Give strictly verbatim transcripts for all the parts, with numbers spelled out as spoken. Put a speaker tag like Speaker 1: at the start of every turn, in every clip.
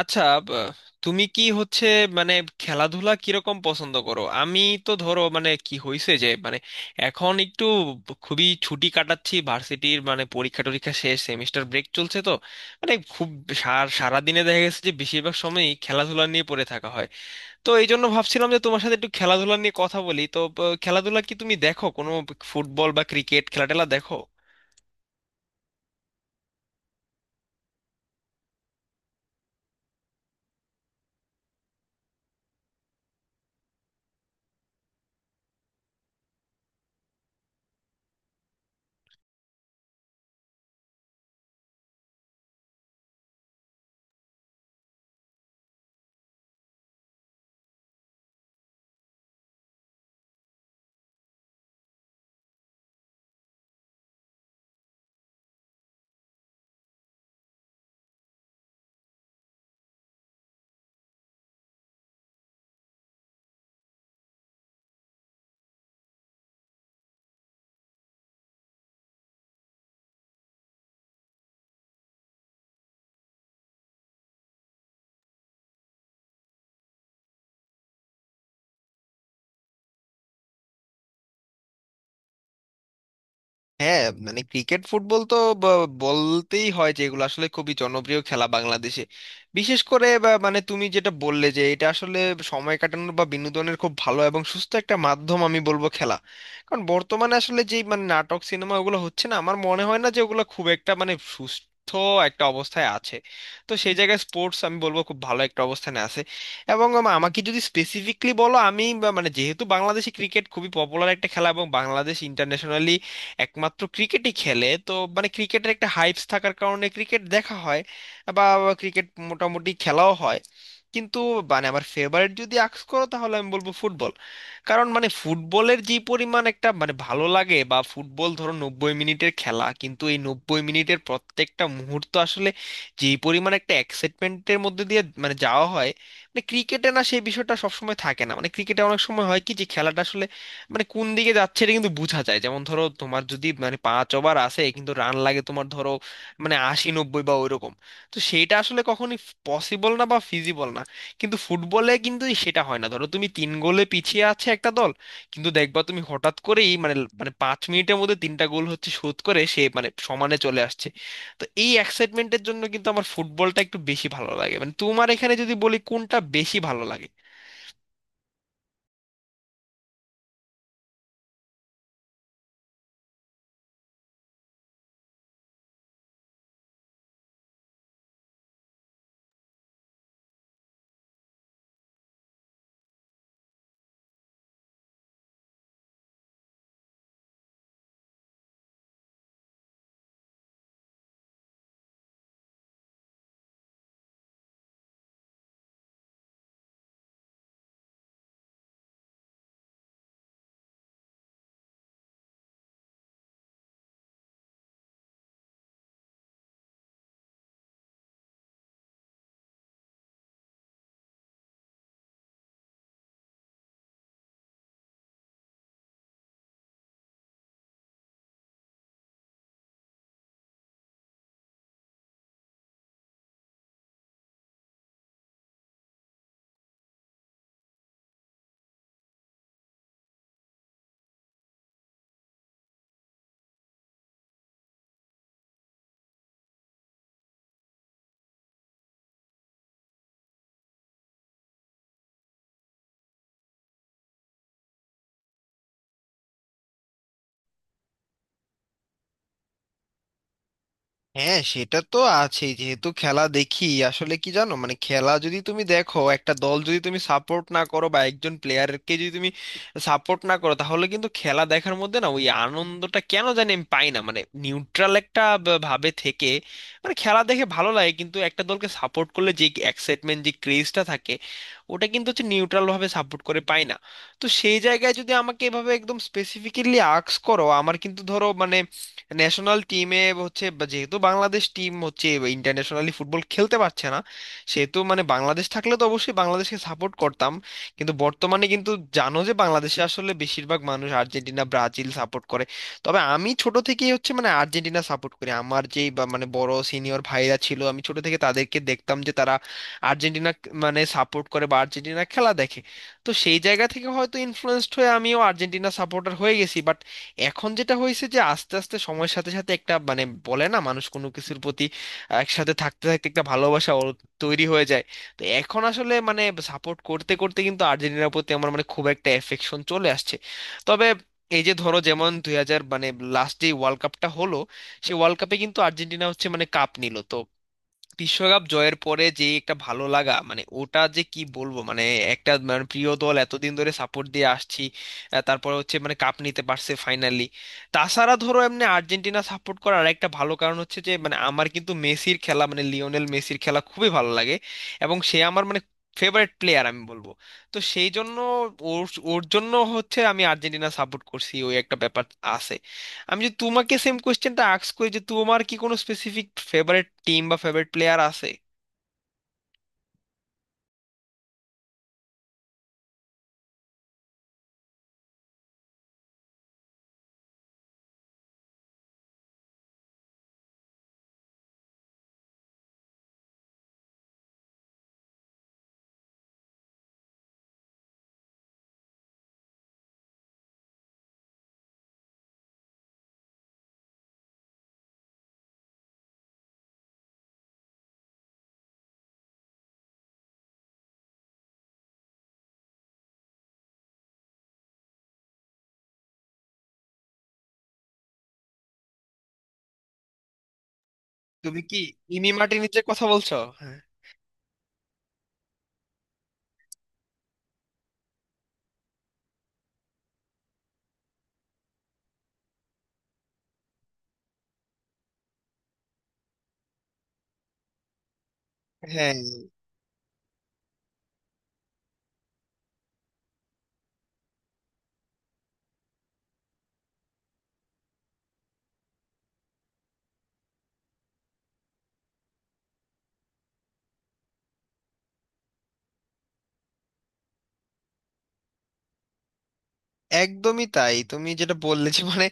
Speaker 1: আচ্ছা। ব- তুমি কি হচ্ছে মানে খেলাধুলা কিরকম পছন্দ করো? আমি তো ধরো মানে কি হয়েছে যে মানে এখন একটু ব- খুবই ছুটি কাটাচ্ছি, ভার্সিটির মানে পরীক্ষা টরীক্ষা শেষ, সেমিস্টার ব্রেক চলছে, তো মানে খুব সার সারাদিনে দেখা গেছে যে বেশিরভাগ সময়ই খেলাধুলা নিয়ে পড়ে থাকা হয়। তো এই জন্য ভাবছিলাম যে তোমার সাথে একটু খেলাধুলা নিয়ে কথা বলি। তো ব- খেলাধুলা কি তুমি দেখো? কোনো ফুটবল বা ক্রিকেট খেলা টেলা দেখো? হ্যাঁ মানে ক্রিকেট ফুটবল তো ব- বলতেই হয় যে এগুলো আসলে খুবই জনপ্রিয় খেলা বাংলাদেশে। বিশেষ করে বা- মানে তুমি যেটা বললে যে এটা আসলে সময় কাটানোর বা বিনোদনের খুব ভালো এবং সুস্থ একটা মাধ্যম, আমি বলবো খেলা। কারণ বর্তমানে আসলে যেই মানে নাটক সিনেমা ওগুলো হচ্ছে, না আমার মনে হয় না যে ওগুলো খুব একটা মানে সুস্থ একটা অবস্থায় আছে। তো সেই জায়গায় স্পোর্টস আমি বলবো খুব ভালো একটা অবস্থানে আছে। এবং আম- আমাকে যদি স্পেসিফিকলি বলো, আমি বা- মানে যেহেতু বাংলাদেশে ক্রিকেট খুবই পপুলার একটা খেলা এবং বাংলাদেশ ইন্টারন্যাশনালি একমাত্র ক্রিকেটই খেলে, তো মানে ক্রিকেটের একটা হাইপস থাকার কারণে ক্রিকেট দেখা হয় বা ক্রিকেট মোটামুটি খেলাও হয়। কিন্তু মানে আমার ফেভারিট যদি আস্ক করো, তাহলে আমি বলবো ফুটবল। কারণ মানে ফুটবলের যে পরিমাণ একটা মানে ভালো লাগে, বা ফুটবল ধরো নব্বই মিনিটের খেলা, কিন্তু এই নব্বই মিনিটের প্রত্যেকটা মুহূর্ত আসলে যে পরিমাণ একটা এক্সাইটমেন্টের মধ্যে দিয়ে মানে যাওয়া হয়, মানে ক্রিকেটে না সেই বিষয়টা সবসময় থাকে না। মানে ক্রিকেটে অনেক সময় হয় কি যে খেলাটা আসলে মানে কোন দিকে যাচ্ছে এটা কিন্তু বোঝা যায়। যেমন ধরো তোমার যদি মানে পাঁচ ওভার আছে, কিন্তু রান লাগে তোমার ধরো মানে আশি নব্বই বা ওইরকম, তো সেটা আসলে কখনই পসিবল না বা ফিজিবল না। কিন্তু ফুটবলে কিন্তু সেটা হয় না, ধরো তুমি তিন গোলে পিছিয়ে আছে একটা দল, কিন্তু দেখবা তুমি হঠাৎ করেই মানে মানে পাঁচ মিনিটের মধ্যে তিনটা গোল হচ্ছে, শোধ করে সে মানে সমানে চলে আসছে। তো এই এক্সাইটমেন্টের জন্য কিন্তু আমার ফুটবলটা একটু বেশি ভালো লাগে। মানে তোমার এখানে যদি বলি কোনটা বেশি ভালো লাগে। হ্যাঁ সেটা তো আছেই, যেহেতু খেলা দেখি। আসলে কি জানো, মানে খেলা যদি তুমি দেখো, একটা দল যদি তুমি সাপোর্ট না করো বা একজন প্লেয়ারকে যদি তুমি সাপোর্ট না করো, তাহলে কিন্তু খেলা দেখার মধ্যে না ওই আনন্দটা কেন জানি আমি পাই না। মানে নিউট্রাল একটা ব- ভাবে থেকে মানে খেলা দেখে ভালো লাগে, কিন্তু একটা দলকে সাপোর্ট করলে যে এক্সাইটমেন্ট যে ক্রেজটা থাকে, ওটা কিন্তু হচ্ছে নিউট্রাল ভাবে সাপোর্ট করে পাই না। তো সেই জায়গায় যদি আমাকে এভাবে একদম স্পেসিফিক্যালি আস্ক করো, আমার কিন্তু ধরো মানে ন্যাশনাল টিমে হচ্ছে বা- যেহেতু বাংলাদেশ টিম হচ্ছে ইন্টারন্যাশনালি ফুটবল খেলতে পারছে না, সেহেতু মানে বাংলাদেশ থাকলে তো অবশ্যই বাংলাদেশকে সাপোর্ট করতাম। কিন্তু বর্তমানে কিন্তু জানো যে বাংলাদেশে আসলে বেশিরভাগ মানুষ আর্জেন্টিনা ব্রাজিল সাপোর্ট করে। তবে আমি ছোট থেকেই হচ্ছে মানে আর্জেন্টিনা সাপোর্ট করি। আমার যেই বা মানে বড় সিনিয়র ভাইরা ছিল, আমি ছোট থেকে তাদেরকে দেখতাম যে তারা আর্জেন্টিনা মানে সাপোর্ট করে বা আর্জেন্টিনা খেলা দেখে। তো সেই জায়গা থেকে হয়তো ইনফ্লুয়েন্সড হয়ে আমিও আর্জেন্টিনা সাপোর্টার হয়ে গেছি। বাট এখন যেটা হয়েছে যে আস্তে আস্তে সময়ের সাথে সাথে একটা মানে বলে না, মানুষ কোনো কিছুর প্রতি একসাথে থাকতে থাকতে একটা ভালোবাসা ওর তৈরি হয়ে যায়। তো এখন আসলে মানে সাপোর্ট করতে করতে কিন্তু আর্জেন্টিনার প্রতি আমার মানে খুব একটা এফেকশন চলে আসছে। তবে এই যে ধরো যেমন দুই হাজার মানে লাস্ট যে ওয়ার্ল্ড কাপটা হলো, সেই ওয়ার্ল্ড কাপে কিন্তু আর্জেন্টিনা হচ্ছে মানে কাপ নিল তো, বিশ্বকাপ জয়ের পরে যে একটা ভালো লাগা, মানে ওটা যে কি বলবো মানে, একটা মানে প্রিয় দল এতদিন ধরে সাপোর্ট দিয়ে আসছি, আহ, তারপরে হচ্ছে মানে কাপ নিতে পারছে ফাইনালি। তাছাড়া ধরো এমনি আর্জেন্টিনা সাপোর্ট করার একটা ভালো কারণ হচ্ছে যে মানে আমার কিন্তু মেসির খেলা মানে লিওনেল মেসির খেলা খুবই ভালো লাগে এবং সে আমার মানে ফেভারিট প্লেয়ার আমি বলবো। তো সেই জন্য ওর ওর জন্য হচ্ছে আমি আর্জেন্টিনা সাপোর্ট করছি, ওই একটা ব্যাপার আছে। আমি যদি তোমাকে সেম কোয়েশ্চেনটা আস্ক করি, যে তোমার কি কোনো স্পেসিফিক ফেভারিট টিম বা ফেভারিট প্লেয়ার আছে? তুমি কি ইমি মার্টিনেজের কথা বলছো? হ্যাঁ। হ্যাঁ, একদমই তাই। তুমি যেটা বললে যে মানে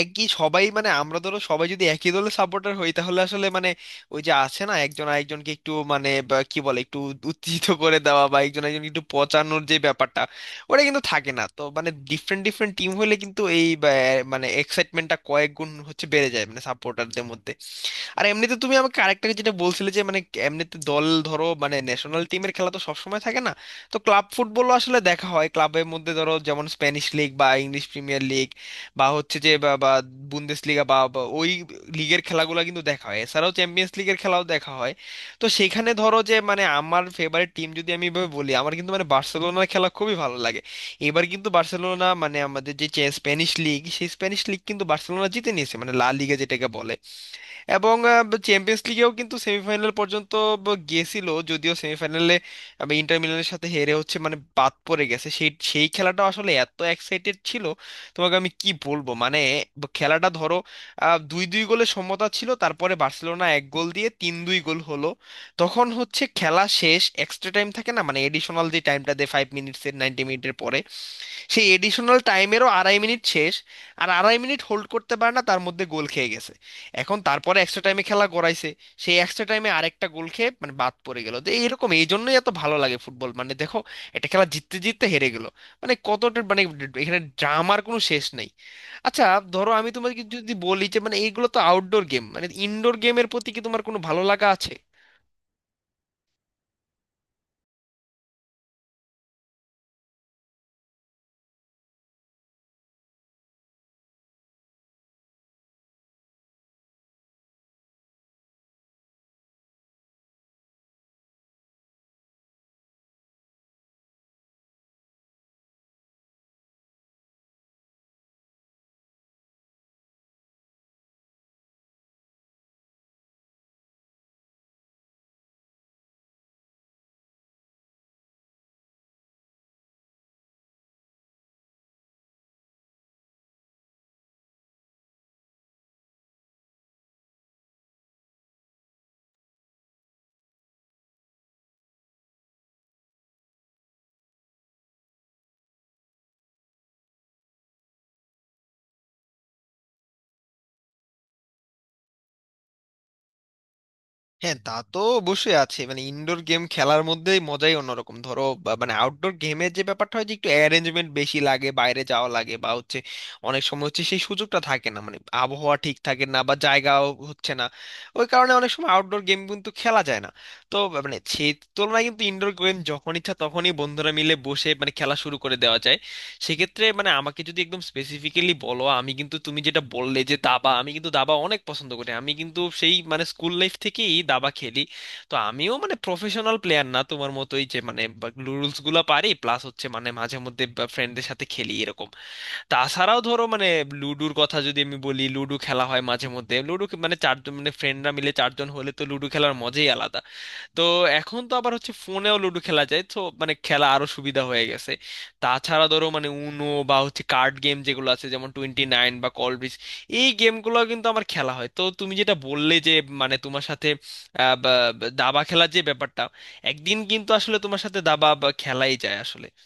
Speaker 1: একই সবাই মানে আমরা ধরো সবাই যদি একই দলের সাপোর্টার হই, তাহলে আসলে মানে ওই যে আছে না একজন আরেকজনকে একটু মানে বা কি বলে একটু উত্তেজিত করে দেওয়া বা একজন আরেকজনকে একটু পচানোর যে ব্যাপারটা, ওটা কিন্তু থাকে না। তো মানে ডিফারেন্ট ডিফারেন্ট টিম হলে কিন্তু এই বা, মানে এক্সাইটমেন্টটা কয়েক গুণ হচ্ছে বেড়ে যায় মানে সাপোর্টারদের মধ্যে। আর এমনিতে তুমি আমাকে আরেকটা যেটা বলছিলে যে মানে এমনিতে দল ধরো মানে ন্যাশনাল টিমের খেলা তো সবসময় থাকে না। তো ক্লাব ফুটবলও আসলে দেখা হয় ক্লাবের মধ্যে, ধরো যেমন স্প্যানিশ লিগ বা ইংলিশ প্রিমিয়ার লিগ বা হচ্ছে যে বা বা বুন্দেশ লিগা বা বা ওই লিগের খেলাগুলো কিন্তু দেখা হয়। এছাড়াও চ্যাম্পিয়ন্স লিগের খেলাও দেখা হয়। তো সেখানে ধরো যে মানে আমার ফেভারিট টিম যদি আমি এভাবে বলি, আমার কিন্তু মানে বার্সেলোনার খেলা খুবই ভালো লাগে। এবার কিন্তু বার্সেলোনা মানে আমাদের যে স্প্যানিশ লিগ, সেই স্প্যানিশ লিগ কিন্তু বার্সেলোনা জিতে নিয়েছে, মানে লা লিগা যেটাকে বলে। এবং চ্যাম্পিয়ন্স লিগেও কিন্তু সেমিফাইনাল পর্যন্ত ব- গেছিল, যদিও সেমিফাইনালে ইন্টার মিলানের সাথে হেরে হচ্ছে মানে বাদ পড়ে গেছে। সেই সেই খেলাটা আসলে এত এক্সাইটেড ছিল তোমাকে আমি কি বলবো, মানে ব- খেলাটা ধরো আহ, দুই দুই গোলে সমতা ছিল, তারপরে বার্সেলোনা এক গোল দিয়ে তিন দুই গোল হলো। তখন হচ্ছে খেলা শেষ, এক্সট্রা টাইম থাকে না মানে এডিশনাল যে টাইমটা দেয় ফাইভ মিনিটসের, নাইনটি মিনিটের পরে। সেই এডিশনাল টাইমেরও আড়াই মিনিট শেষ, আর আড়াই মিনিট হোল্ড করতে পারে না, তার মধ্যে গোল খেয়ে গেছে। এখন তারপরে এক্সট্রা টাইমে খেলা গড়াইছে, সেই এক্সট্রা টাইমে আরেকটা গোল খেয়ে মানে বাদ পড়ে গেল। তো এইরকম, এই জন্যই এত ভালো লাগে ফুটবল, মানে দেখো একটা খেলা জিততে জিততে হেরে গেল, মানে কতটা মানে এখানে ড্রামার কোনো শেষ নেই। আচ্ছা ধরো আমি তোমাকে যদি বলি যে মানে এইগুলো তো আউটডোর গেম, মানে ইনডোর গেমের প্রতি কি তোমার কোনো ভালো লাগা আছে? হ্যাঁ তা তো অবশ্যই আছে। মানে ইনডোর গেম খেলার মধ্যে মজাই অন্যরকম। ধরো বা- মানে আউটডোর গেমের যে ব্যাপারটা হয় যে একটু অ্যারেঞ্জমেন্ট বেশি লাগে, বাইরে যাওয়া লাগে, বা হচ্ছে অনেক সময় হচ্ছে সেই সুযোগটা থাকে না, মানে আবহাওয়া ঠিক থাকে না বা জায়গাও হচ্ছে না, ওই কারণে অনেক সময় আউটডোর গেম কিন্তু খেলা যায় না। তো মানে সেই তুলনায় কিন্তু ইনডোর গেম যখন ইচ্ছা তখনই বন্ধুরা মিলে বসে মানে খেলা শুরু করে দেওয়া যায়। সেক্ষেত্রে মানে আমাকে যদি একদম স্পেসিফিক্যালি বলো, আমি কিন্তু তুমি যেটা বললে যে দাবা, আমি কিন্তু দাবা অনেক পছন্দ করি। আমি কিন্তু সেই মানে স্কুল লাইফ থেকেই দাবা খেলি। তো আমিও মানে প্রফেশনাল প্লেয়ার না তোমার মতোই, যে মানে রুলস গুলো পারি প্লাস হচ্ছে মানে মাঝে মধ্যে ফ্রেন্ডদের সাথে খেলি এরকম। তাছাড়াও ধরো মানে লুডোর কথা যদি আমি বলি, লুডো খেলা হয় মাঝে মধ্যে। লুডো মানে চারজন মানে ফ্রেন্ডরা মিলে চারজন হলে তো লুডো খেলার মজাই আলাদা। তো এখন তো আবার হচ্ছে ফোনেও লুডো খেলা যায়, তো মানে খেলা আরো সুবিধা হয়ে গেছে। তাছাড়া ধরো মানে উনো বা হচ্ছে কার্ড গেম যেগুলো আছে, যেমন টোয়েন্টি নাইন বা কল ব্রিজ, এই গেমগুলো কিন্তু আমার খেলা হয়। তো তুমি যেটা বললে যে মানে তোমার সাথে আহ, বা- বা দাবা খেলার যে ব্যাপারটা, একদিন কিন্তু আসলে তোমার সাথে দাবা বা খেলাই যায় আসলে।